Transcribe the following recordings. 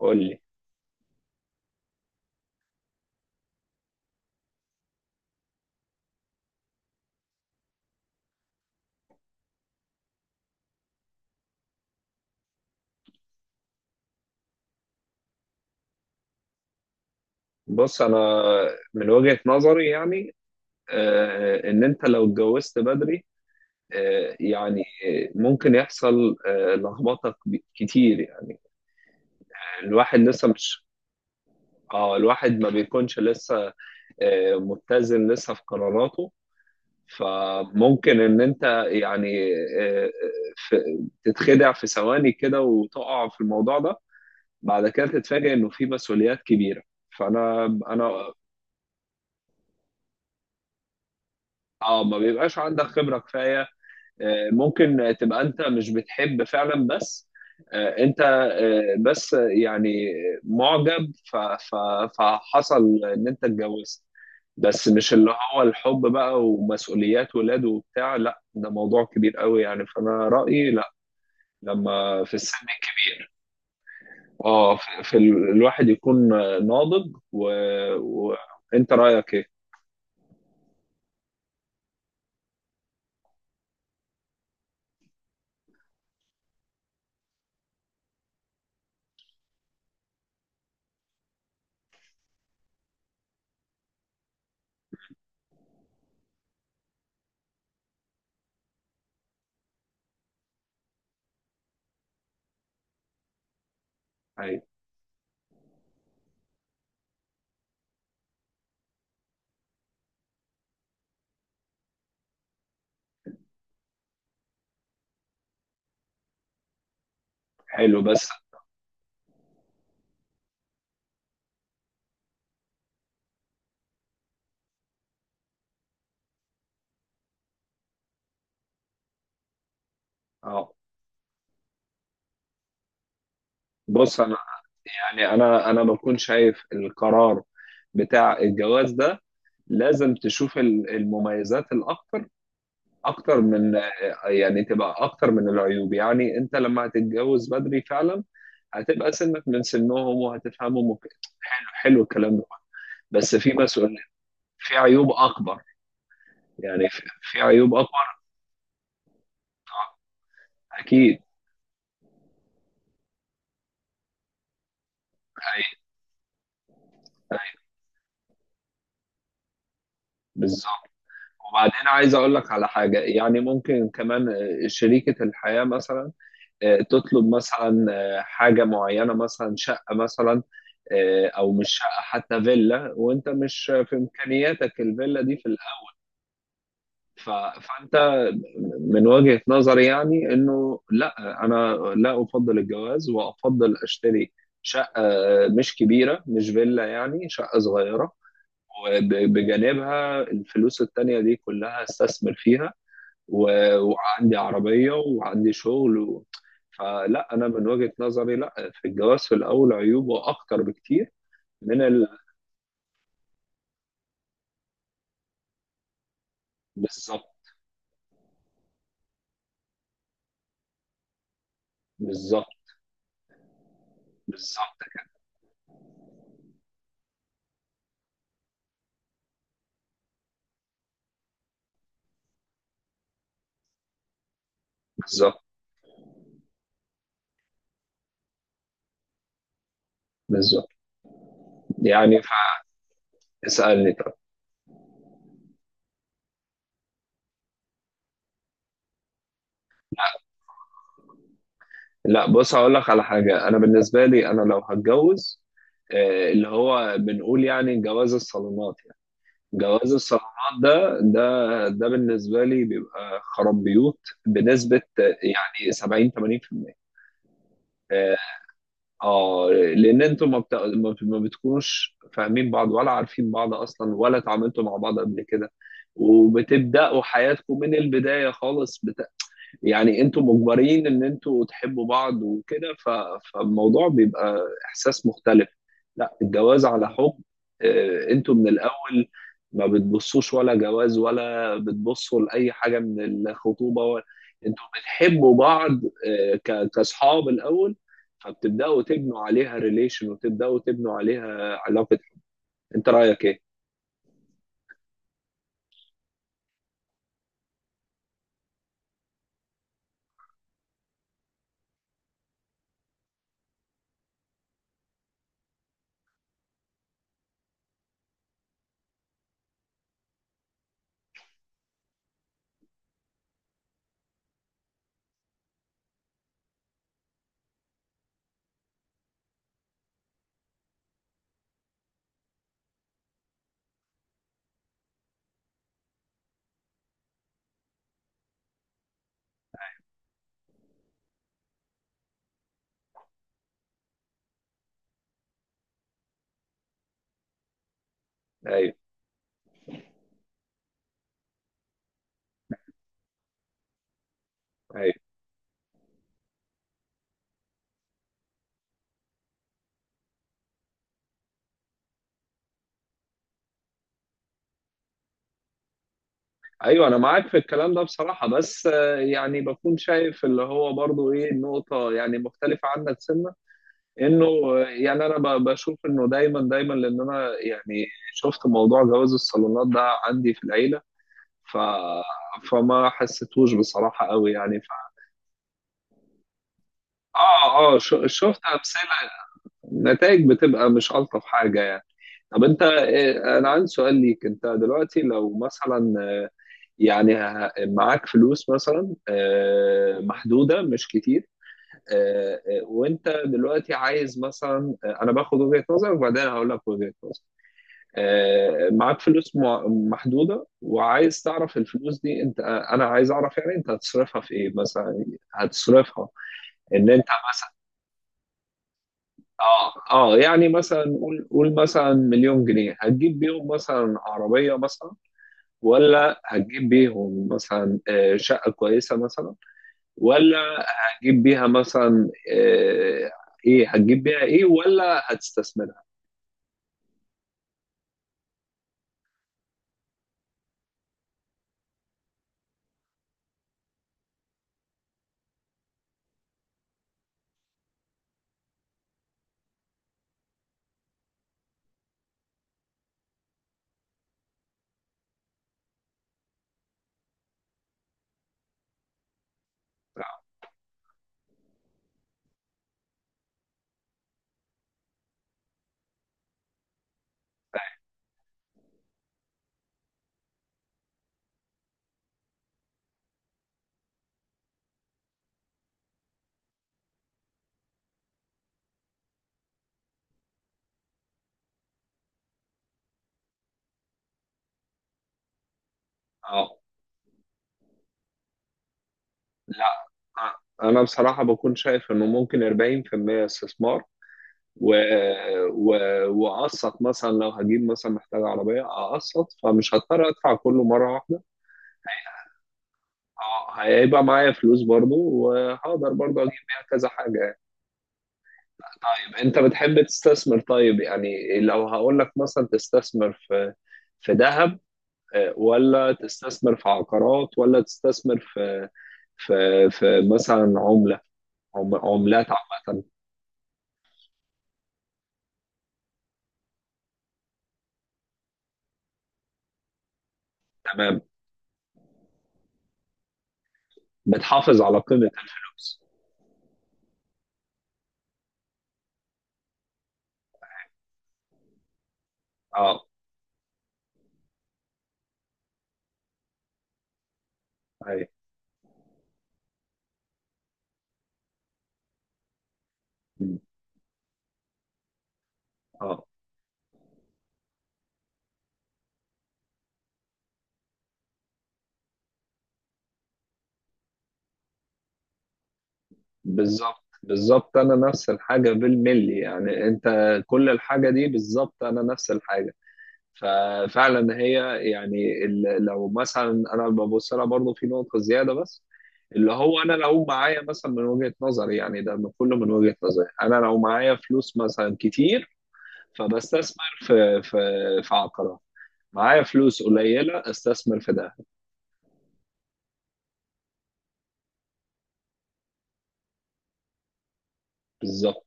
قول لي. بص، انا من وجهة نظري يعني ان انت لو اتجوزت بدري، يعني ممكن يحصل لخبطه كتير يعني. الواحد لسه مش اه الواحد ما بيكونش لسه متزن لسه في قراراته. فممكن ان انت يعني آه، تتخدع في ثواني كده وتقع في الموضوع ده. بعد كده تتفاجئ انه في مسؤوليات كبيرة. فانا انا اه ما بيبقاش عندك خبرة كفاية. ممكن تبقى انت مش بتحب فعلا، بس آه، انت آه، بس يعني معجب. فحصل ان انت اتجوزت، بس مش اللي هو الحب بقى، ومسؤوليات ولاد وبتاع. لا، ده موضوع كبير قوي، يعني فانا رأيي لا. لما في السن الكبير، اه في الواحد يكون ناضج وانت رأيك ايه؟ أيوة. حلو، بس اه بص انا، يعني انا بكون شايف القرار بتاع الجواز ده لازم تشوف المميزات الاكتر، اكتر من، يعني تبقى اكتر من العيوب. يعني انت لما هتتجوز بدري فعلا، هتبقى سنك من سنهم وهتفهمهم حلو حلو الكلام ده، بس في مسؤولية، في عيوب اكبر. يعني في عيوب اكبر اكيد. أي- أي، بالظبط. وبعدين عايز اقول لك على حاجه. يعني ممكن كمان شريكه الحياه مثلا تطلب مثلا حاجه معينه، مثلا شقه مثلا، او مش شقه، حتى فيلا، وانت مش في امكانياتك الفيلا دي في الاول. ف- فانت من وجهه نظري، يعني انه لا، انا لا افضل الجواز، وافضل اشتري شقه مش كبيره، مش فيلا، يعني شقه صغيره، وبجانبها الفلوس التانية دي كلها استثمر فيها، وعندي عربية وعندي شغل. فلا، أنا من وجهة نظري لا، في الجواز في الأول عيوبه أكتر بكتير من ال... بالظبط. بالظبط. بالظبط كده. بالظبط، بالظبط. يعني فاسألني طب. لا، بص، هقول لك على حاجة. أنا بالنسبة لي، أنا لو هتجوز، اللي هو بنقول يعني جواز الصالونات. يعني جواز الصالونات ده بالنسبة لي بيبقى خراب بيوت بنسبة يعني 70 80%. اه لان انتوا ما بتكونوش فاهمين بعض، ولا عارفين بعض اصلا، ولا اتعاملتوا مع بعض قبل كده. وبتبداوا حياتكم من البدايه خالص. يعني انتوا مجبرين ان انتوا تحبوا بعض وكده. فالموضوع بيبقى احساس مختلف. لا، الجواز على حب، انتوا من الاول ما بتبصوش ولا جواز، ولا بتبصوا لاي حاجه من الخطوبه انتوا بتحبوا بعض كاصحاب الاول، فبتبداوا تبنوا عليها ريليشن، وتبداوا تبنوا عليها علاقه. انت رايك ايه؟ ايوه، ايوه، ايوه، انا معاك في الكلام ده بصراحه. بس يعني بكون شايف اللي هو برضو ايه النقطه يعني مختلفه عنك سنه، انه يعني انا بشوف انه دايما دايما. لان انا يعني شفت موضوع جواز الصالونات ده عندي في العيله. ف فما حسيتوش بصراحه قوي، يعني. اه، اه، شفت امثله، نتائج بتبقى مش الطف حاجه يعني. طب انت، انا عندي سؤال ليك. انت دلوقتي لو مثلا، يعني معاك فلوس مثلا، محدودة مش كتير، اه، وانت دلوقتي عايز، مثلا انا باخد وجهة نظرك، وبعدين هقول لك وجهة نظري. اه، معاك فلوس محدودة، وعايز تعرف الفلوس دي انت، انا عايز اعرف يعني انت هتصرفها في ايه مثلا. هتصرفها، ان انت مثلا، اه يعني مثلا، قول قول مثلا مليون جنيه هتجيب بيهم مثلا عربية مثلا، ولا هتجيب بيهم مثلا شقة كويسة مثلا، ولا هتجيب بيها مثلا ايه، هتجيب بيها ايه، ولا هتستثمرها؟ اه، لا، آه، انا بصراحة بكون شايف انه ممكن 40% استثمار، و... و... واقسط مثلا، لو هجيب مثلا محتاج عربية، اقسط فمش هضطر ادفع كله مرة واحدة. هيبقى معايا فلوس برضو، وهقدر برضو اجيب بيها كذا حاجة. طيب، انت بتحب تستثمر. طيب يعني لو هقول لك مثلا تستثمر في ذهب، ولا تستثمر في عقارات، ولا تستثمر في في مثلا عملة، عملات عامة. تمام. بتحافظ على قيمة الفلوس. اه، اي، م، اه، بالظبط، بالظبط، انا نفس الحاجة بالملي. يعني انت، كل الحاجة دي بالظبط، انا نفس الحاجة. ففعلا هي يعني لو مثلا انا ببص لها برضه في نقطه زياده، بس اللي هو انا لو معايا مثلا، من وجهه نظري يعني ده، كله من وجهه نظري، انا لو معايا فلوس مثلا كتير، فبستثمر في عقارات. معايا فلوس قليله، استثمر في ده. بالظبط،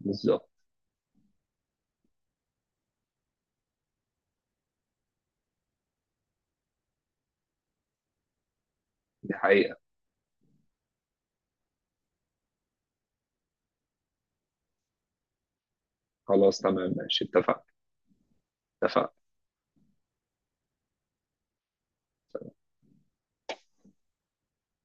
بالظبط، دي حقيقه. خلاص، تمام، ماشي، اتفقنا، اتفقنا.